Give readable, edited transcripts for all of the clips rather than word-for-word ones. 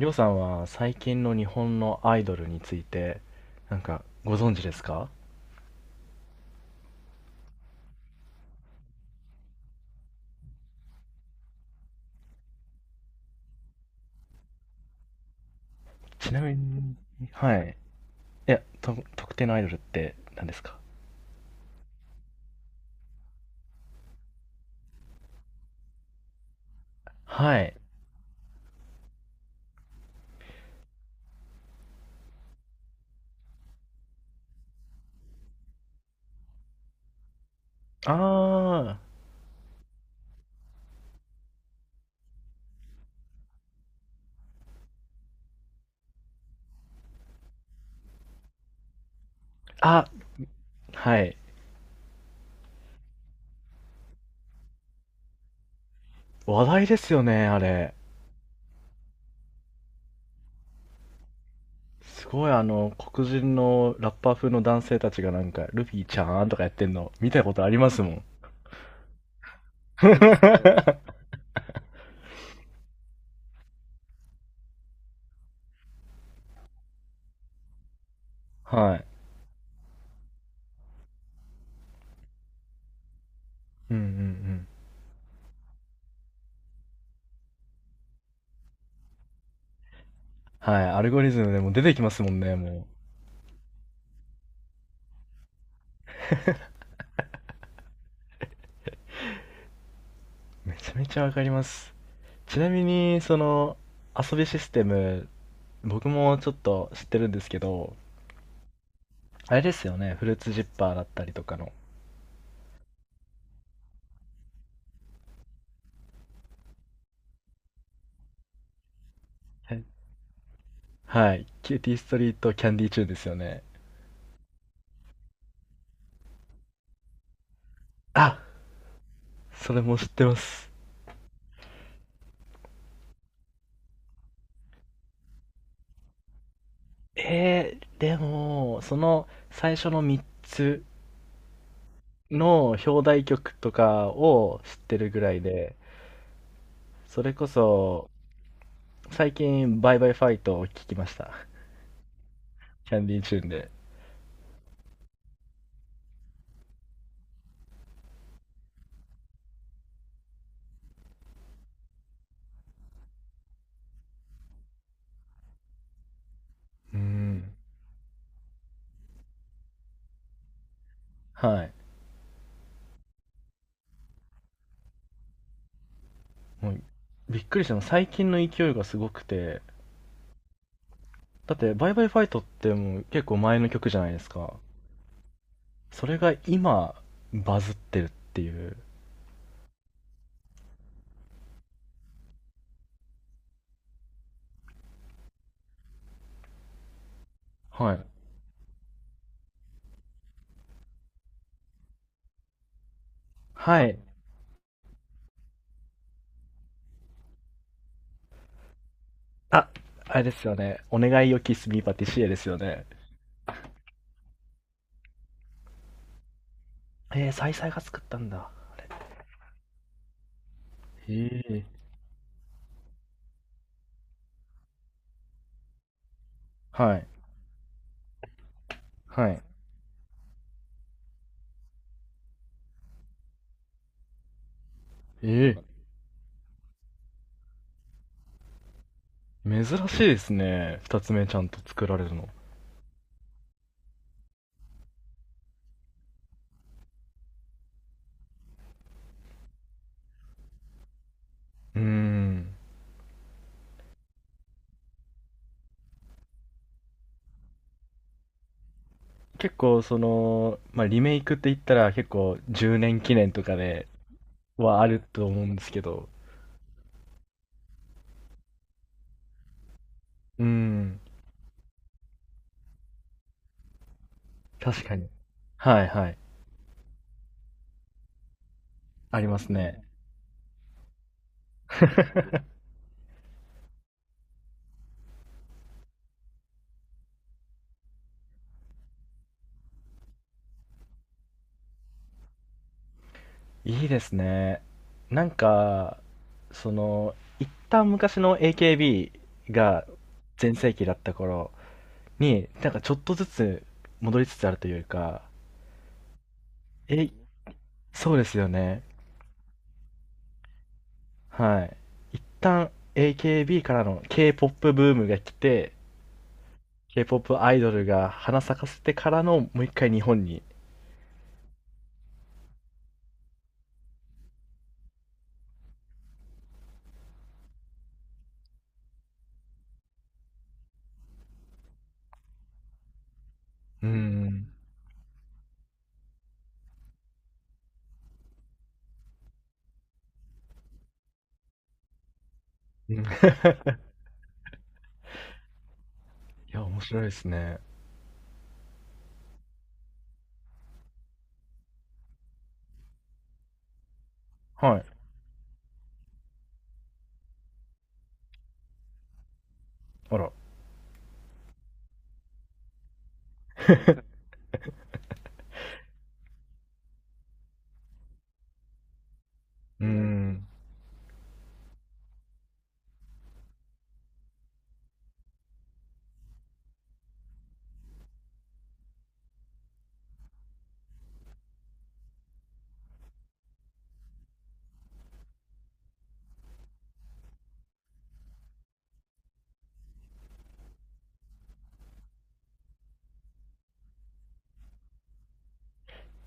りょうさんは最近の日本のアイドルについて、なんかご存知ですか？ちなみに、はい。いや、特定のアイドルって何ですか？はい。あー、あ、はい。話題ですよね、あれ。すごいあの、黒人のラッパー風の男性たちがなんか、ルフィちゃんとかやってんの、見たことありますもん。はい。うんうんうん。はい。アルゴリズムでも出てきますもんね、もう。めちゃめちゃわかります。ちなみに、その、遊びシステム、僕もちょっと知ってるんですけど、あれですよね、フルーツジッパーだったりとかの。はいはい、キューティーストリートキャンディーチューンですよね。あ、それも知ってます。でも、その最初の3つの表題曲とかを知ってるぐらいで、それこそ、最近、バイバイファイトを聞きました。キャンディーチューンで。うん。はい。もうびっくりしたの最近の勢いがすごくて。だって「バイバイファイト」ってもう結構前の曲じゃないですか。それが今バズってるっていう。はいはい。あ、あれですよね。「お願いよキスミーパティシエ」ですよね。サイサイが作ったんだ。へえ。はいはい。ええ。珍しいですね、2つ目ちゃんと作られるの。うーん。結構その、まあ、リメイクって言ったら結構10年記念とかではあると思うんですけど。うーん、確かに。はいはい。ありますね。いいですね。なんか、その、一旦昔の AKB が全盛期だった頃に、なんかちょっとずつ戻りつつあるというか、え、そうですよね。はい。一旦 AKB からの K-POP ブームが来て、K-POP アイドルが花咲かせてからのもう一回日本に。うーん。うん。 いや、面白いですね。はい。あら。うーん。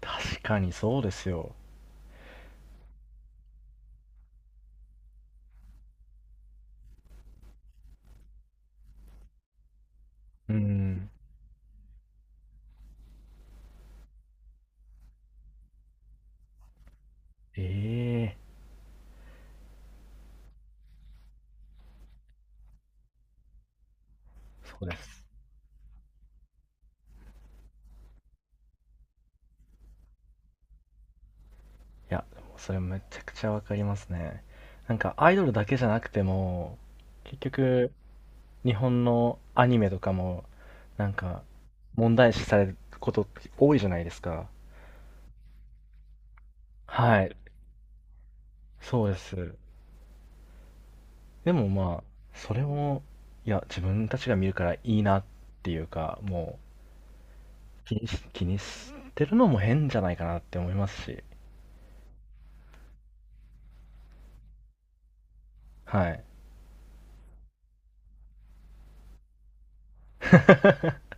確かにそうですよ。うーん。ええ、そうです。いや、でもそれめちゃくちゃわかりますね。なんかアイドルだけじゃなくても、結局、日本のアニメとかも、なんか、問題視されることって多いじゃないですか。はい。そうです。でもまあ、それも、いや、自分たちが見るからいいなっていうか、もう、気にしてるのも変じゃないかなって思いますし。はい。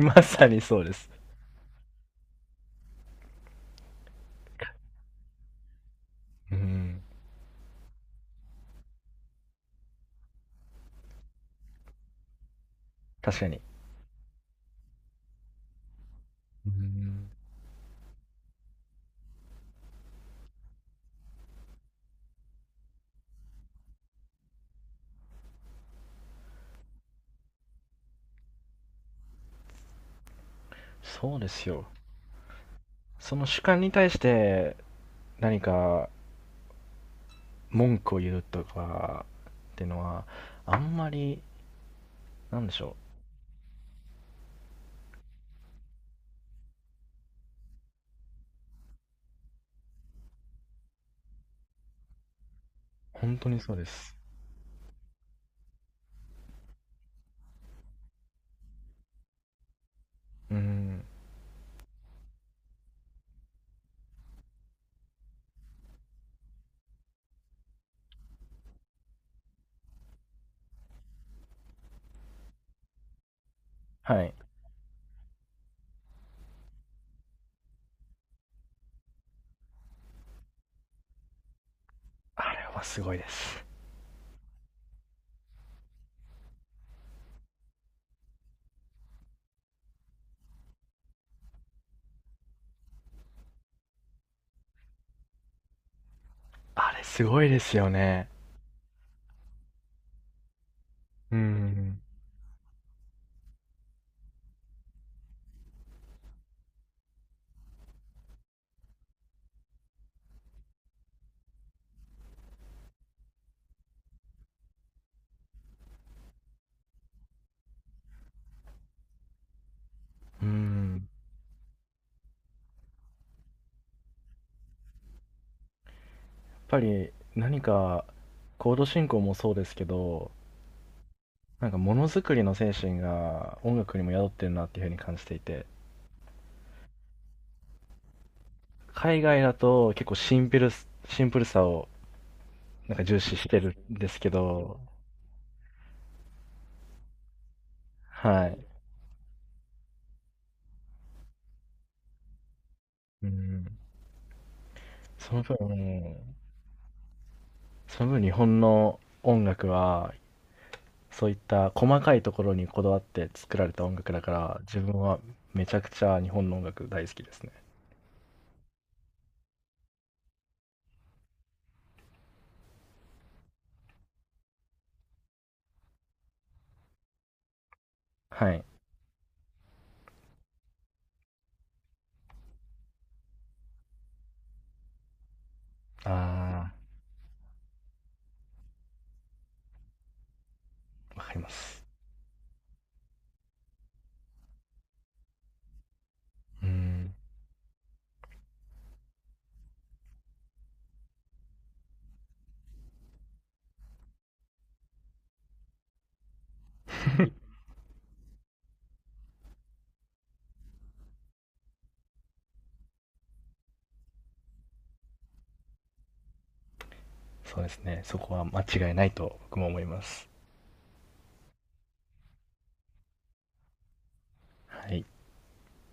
まさにそうです。うん。確かに。うん。そうですよ。その主観に対して何か文句を言うとかっていうのは、あんまり、なんでしょう。本当にそうです。うん。はい。あれはすごいです。あれすごいですよね。うん。うん。やっぱり何か、コード進行もそうですけど、なんかものづくりの精神が音楽にも宿ってるなっていうふうに感じていて、海外だと結構シンプルさをなんか重視してるんですけど、はい。うん。その分ね、その分日本の音楽は、そういった細かいところにこだわって作られた音楽だから、自分はめちゃくちゃ日本の音楽大好きですね。はい。ああ、わかります。うん。そうですね。そこは間違いないと僕も思います。はい。